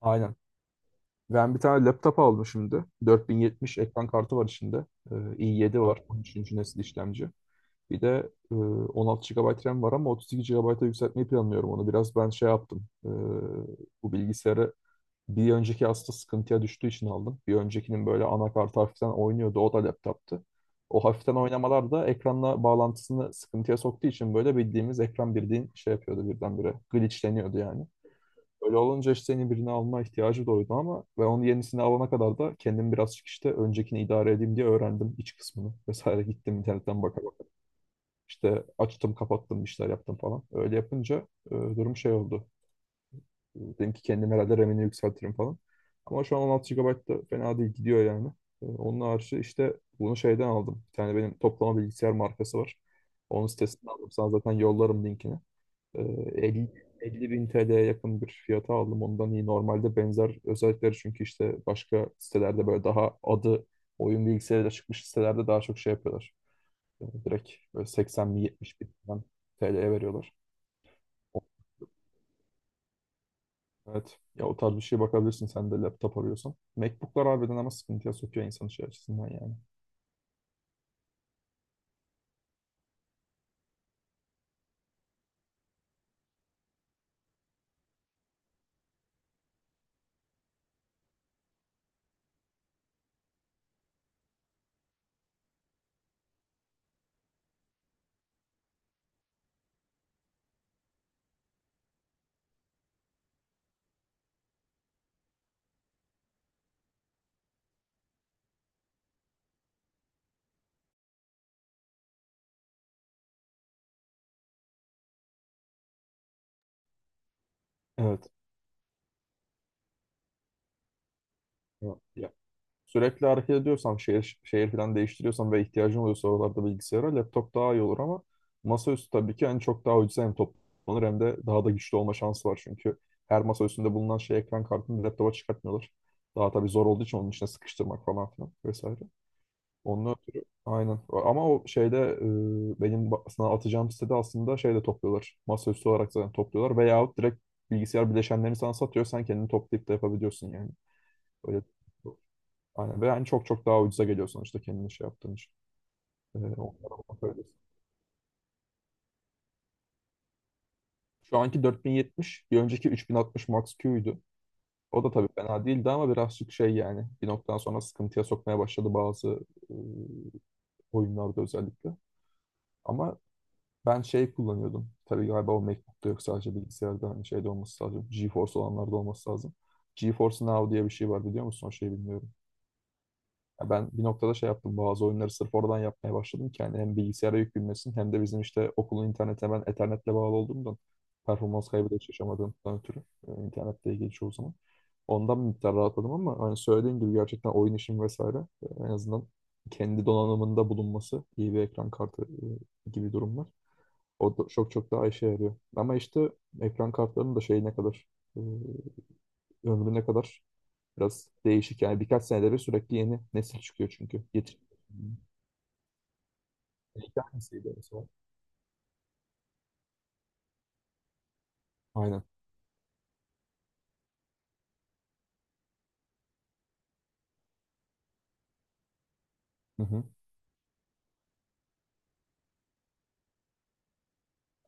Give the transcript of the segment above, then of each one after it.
Aynen. Ben bir tane laptop aldım şimdi. 4070 ekran kartı var içinde. İ7 var, 13. nesil işlemci. Bir de 16 gigabayt RAM var ama 32 gigabayt'a yükseltmeyi planlıyorum onu. Biraz ben şey yaptım. Bu bilgisayarı bir önceki aslında sıkıntıya düştüğü için aldım. Bir öncekinin böyle anakartı hafiften oynuyordu. O da laptoptu. O hafiften oynamalar da ekranla bağlantısını sıkıntıya soktuğu için böyle bildiğimiz ekran birliğin şey yapıyordu birdenbire. Glitchleniyordu yani. Öyle olunca işte yeni birini alma ihtiyacı doğdu ama ve onun yenisini alana kadar da kendim birazcık işte öncekini idare edeyim diye öğrendim iç kısmını vesaire gittim internetten baka baka. İşte açtım kapattım işler yaptım falan. Öyle yapınca durum şey oldu. Dedim ki kendim herhalde RAM'ini yükseltirim falan. Ama şu an 16 gigabayt da fena değil gidiyor yani. Onun harici işte bunu şeyden aldım. Bir tane benim toplama bilgisayar markası var. Onun sitesinden aldım. Sana zaten yollarım linkini. 50, 50 bin TL'ye yakın bir fiyata aldım. Ondan iyi. Normalde benzer özellikleri çünkü işte başka sitelerde böyle daha adı oyun bilgisayarıyla çıkmış sitelerde daha çok şey yapıyorlar. Yani direkt böyle 80 bin 70 bin falan TL'ye veriyorlar. Evet. Ya o tarz bir şeye bakabilirsin sen de laptop arıyorsan. MacBook'lar harbiden ama sıkıntıya sokuyor insan şey açısından yani. Evet. Ya, sürekli hareket ediyorsam, şehir, şehir falan değiştiriyorsam ve ihtiyacım oluyorsa oralarda bilgisayara laptop daha iyi olur ama masaüstü tabii ki en çok daha ucuza hem toplanır hem de daha da güçlü olma şansı var çünkü her masaüstünde bulunan şey ekran kartını laptopa çıkartmıyorlar. Daha tabii zor olduğu için onun içine sıkıştırmak falan filan vesaire. Onun ötürü aynen. Ama o şeyde benim sana atacağım sitede aslında şeyde topluyorlar. Masaüstü olarak zaten topluyorlar veyahut direkt bilgisayar bileşenlerini sana satıyor. Sen kendini toplayıp da yapabiliyorsun yani. Öyle aynen. Ve yani çok çok daha ucuza geliyor sonuçta kendini şey yaptığın için. Onlara bak öyle. Şu anki 4070, bir önceki 3060 Max-Q'ydu. O da tabii fena değildi ama birazcık şey yani bir noktadan sonra sıkıntıya sokmaya başladı bazı e, oyunlarda özellikle. Ama ben şey kullanıyordum. Tabii galiba o MacBook'ta yok sadece bilgisayarda hani şeyde olması lazım. GeForce olanlarda olması lazım. GeForce Now diye bir şey var biliyor musun? O şeyi bilmiyorum. Ya ben bir noktada şey yaptım. Bazı oyunları sırf oradan yapmaya başladım ki yani hem bilgisayara yük binmesin hem de bizim işte okulun internetine ben Ethernet'le bağlı olduğumdan performans kaybı da hiç yaşamadığımdan ötürü internette ilgili çoğu zaman. Ondan bir miktar rahatladım ama hani söylediğim gibi gerçekten oyun işim vesaire en azından kendi donanımında bulunması iyi bir ekran kartı gibi durumlar. O da çok çok daha işe yarıyor. Ama işte ekran kartlarının da şeyi ne kadar e, ömrü ne kadar biraz değişik yani. Birkaç senede bir sürekli yeni nesil çıkıyor çünkü. Yetiş. İlk hangisiydi mesela? Aynen. Hı hı.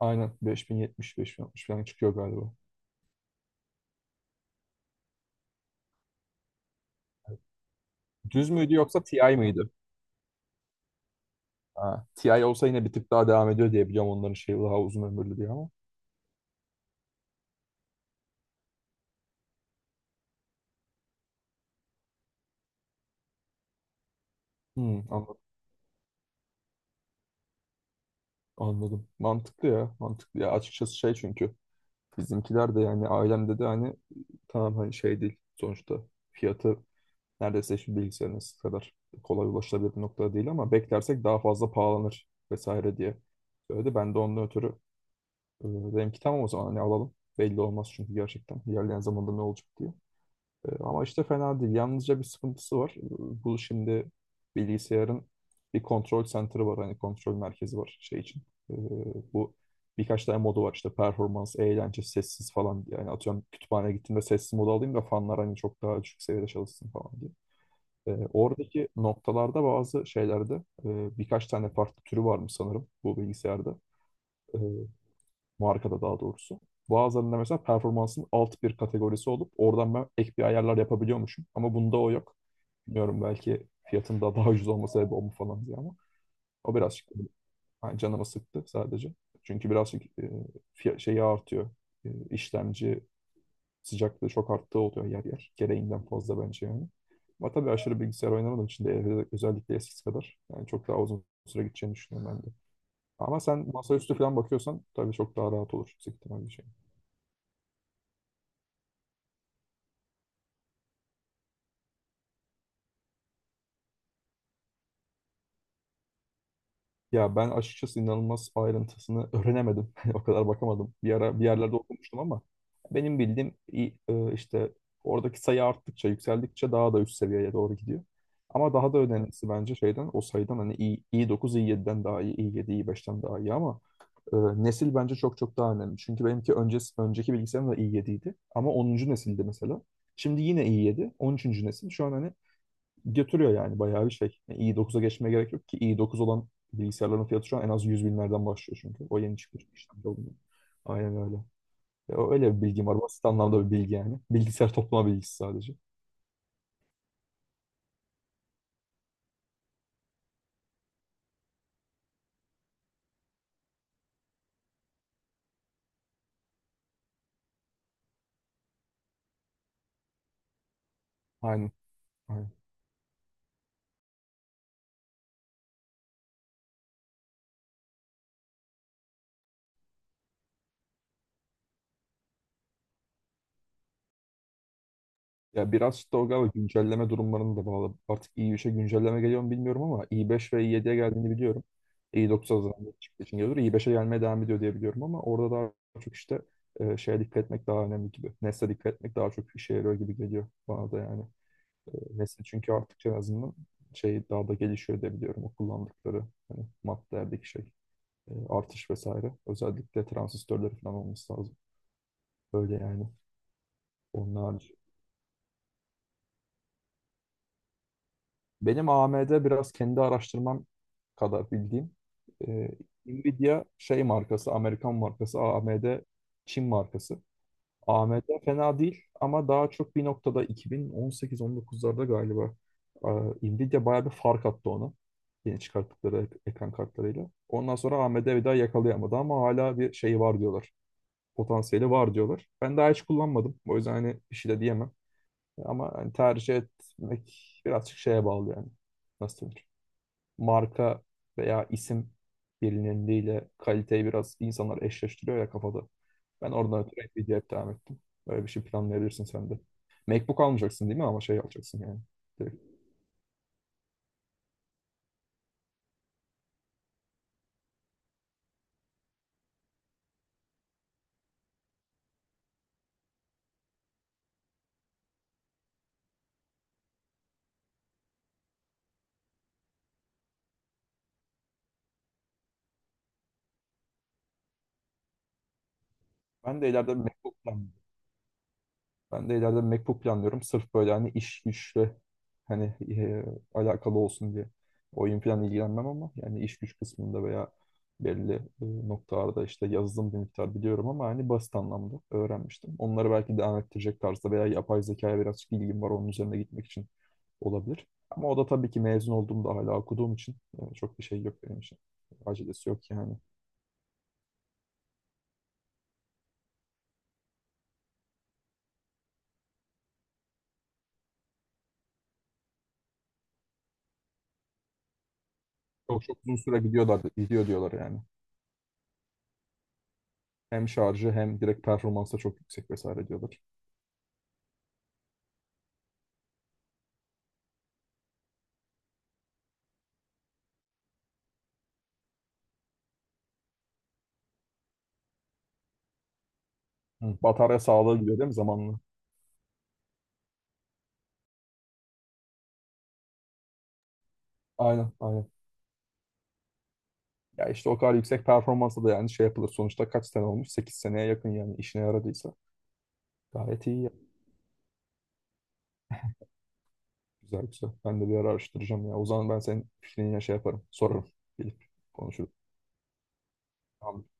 Aynen. 5070, 5060 falan çıkıyor galiba. Düz müydü yoksa TI mıydı? Ha, TI olsa yine bir tık daha devam ediyor diye biliyorum onların şey daha uzun ömürlü diye ama. Hmm, anladım. Anladım. Mantıklı ya. Mantıklı ya. Açıkçası şey çünkü bizimkiler de yani ailemde de hani tamam hani şey değil sonuçta fiyatı neredeyse şimdi bilgisayarınız kadar kolay ulaşılabilir bir noktada değil ama beklersek daha fazla pahalanır vesaire diye söyledi. Ben de onun ötürü dedim ki tamam o zaman hani alalım. Belli olmaz çünkü gerçekten ilerleyen zamanda ne olacak diye. Ama işte fena değil. Yalnızca bir sıkıntısı var. Bu şimdi bilgisayarın bir kontrol center'ı var. Hani kontrol merkezi var şey için. E, Bu birkaç tane modu var işte performans, eğlence, sessiz falan. Diye yani atıyorum kütüphaneye gittiğimde sessiz modu alayım da fanlar hani çok daha düşük seviyede çalışsın falan diye. Oradaki noktalarda bazı şeylerde birkaç tane farklı türü varmış sanırım bu bilgisayarda. E, Markada daha doğrusu. Bazılarında mesela performansın alt bir kategorisi olup oradan ben ek bir ayarlar yapabiliyormuşum. Ama bunda o yok. Bilmiyorum belki fiyatında daha ucuz olma sebebi o mu falan diye ama o birazcık yani canımı sıktı sadece. Çünkü birazcık şeyi artıyor. İşlemci sıcaklığı çok arttığı oluyor yer yer. Gereğinden fazla bence yani. Ama tabii aşırı bilgisayar oynamadığım için de evde özellikle eskisi kadar. Yani çok daha uzun süre gideceğini düşünüyorum ben de. Ama sen masaüstü falan bakıyorsan tabii çok daha rahat olur yüksek ihtimalle şey. Ya ben açıkçası inanılmaz ayrıntısını öğrenemedim. O kadar bakamadım. Bir ara bir yerlerde okumuştum ama benim bildiğim işte oradaki sayı arttıkça, yükseldikçe daha da üst seviyeye doğru gidiyor. Ama daha da önemlisi bence şeyden o sayıdan hani i dokuz i7'den daha iyi, i7 i5'ten daha iyi ama Ee, nesil bence çok çok daha önemli. Çünkü benimki öncesi, önceki bilgisayarım da i7'ydi. Ama 10. nesildi mesela. Şimdi yine i7, 13. nesil. Şu an hani götürüyor yani bayağı bir şey. Yani i9'a geçmeye gerek yok ki. i9 olan bilgisayarların fiyatı şu an en az 100 binlerden başlıyor çünkü. O yeni çıkmış, işlemci olmuyor. Aynen öyle. Ya öyle bir bilgim var. Basit anlamda bir bilgi yani. Bilgisayar toplama bilgisi sadece. Aynen. Aynen. Ya biraz işte o galiba güncelleme durumlarını da bağlı. Artık i3'e güncelleme geliyor mu bilmiyorum ama i5 ve i7'ye geldiğini biliyorum. i9 azından çıktığı için geliyor. i5'e gelmeye devam ediyor diye biliyorum ama orada daha çok işte şeye dikkat etmek daha önemli gibi. Nesle dikkat etmek daha çok işe yarıyor gibi geliyor bana da yani. E, Nesli çünkü artık en azından şey daha da gelişiyor diye biliyorum. O kullandıkları hani maddelerdeki şey artış vesaire. Özellikle transistörleri falan olması lazım. Böyle yani. Onlar. Benim AMD biraz kendi araştırmam kadar bildiğim. Ee, Nvidia şey markası, Amerikan markası, AMD Çin markası. AMD fena değil ama daha çok bir noktada 2018-19'larda galiba Nvidia bayağı bir fark attı ona. Yeni çıkarttıkları ekran kartlarıyla. Ondan sonra AMD bir daha yakalayamadı ama hala bir şey var diyorlar. Potansiyeli var diyorlar. Ben daha hiç kullanmadım. O yüzden hani bir şey de diyemem. Ama hani tercih etmek birazcık şeye bağlı yani. Nasıl denir? Marka veya isim bilinirliğiyle kaliteyi biraz insanlar eşleştiriyor ya kafada. Ben oradan ötürü Nvidia'ya hep devam ettim. Böyle bir şey planlayabilirsin sen de. MacBook almayacaksın değil mi ama şey alacaksın yani. Direkt. Ben de ileride bir MacBook planlıyorum. Ben de ileride MacBook planlıyorum. Sırf böyle hani iş güçle hani alakalı olsun diye. Oyun falan ilgilenmem ama yani iş güç kısmında veya belli noktalarda işte yazılım bir miktar biliyorum ama hani basit anlamda öğrenmiştim. Onları belki devam ettirecek tarzda veya yapay zekaya birazcık ilgim var onun üzerine gitmek için olabilir. Ama o da tabii ki mezun olduğumda hala okuduğum için çok bir şey yok benim için. Acelesi yok yani. Çok çok uzun süre gidiyorlar, gidiyor diyorlar yani. Hem şarjı hem direkt performansa çok yüksek vesaire diyorlar. Hı. Batarya sağlığı gidiyor değil mi zamanla? Aynen aynen. Ya işte o kadar yüksek performansa da yani şey yapılır. Sonuçta kaç sene olmuş? 8 seneye yakın yani işine yaradıysa. Gayet iyi ya. Güzel güzel. Ben de bir ara araştıracağım ya. O zaman ben senin fikrini yine şey yaparım. Sorarım. Gelip konuşuruz. Tamamdır.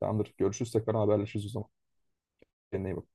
Tamamdır. Görüşürüz. Tekrar haberleşiriz o zaman. Kendine iyi bak.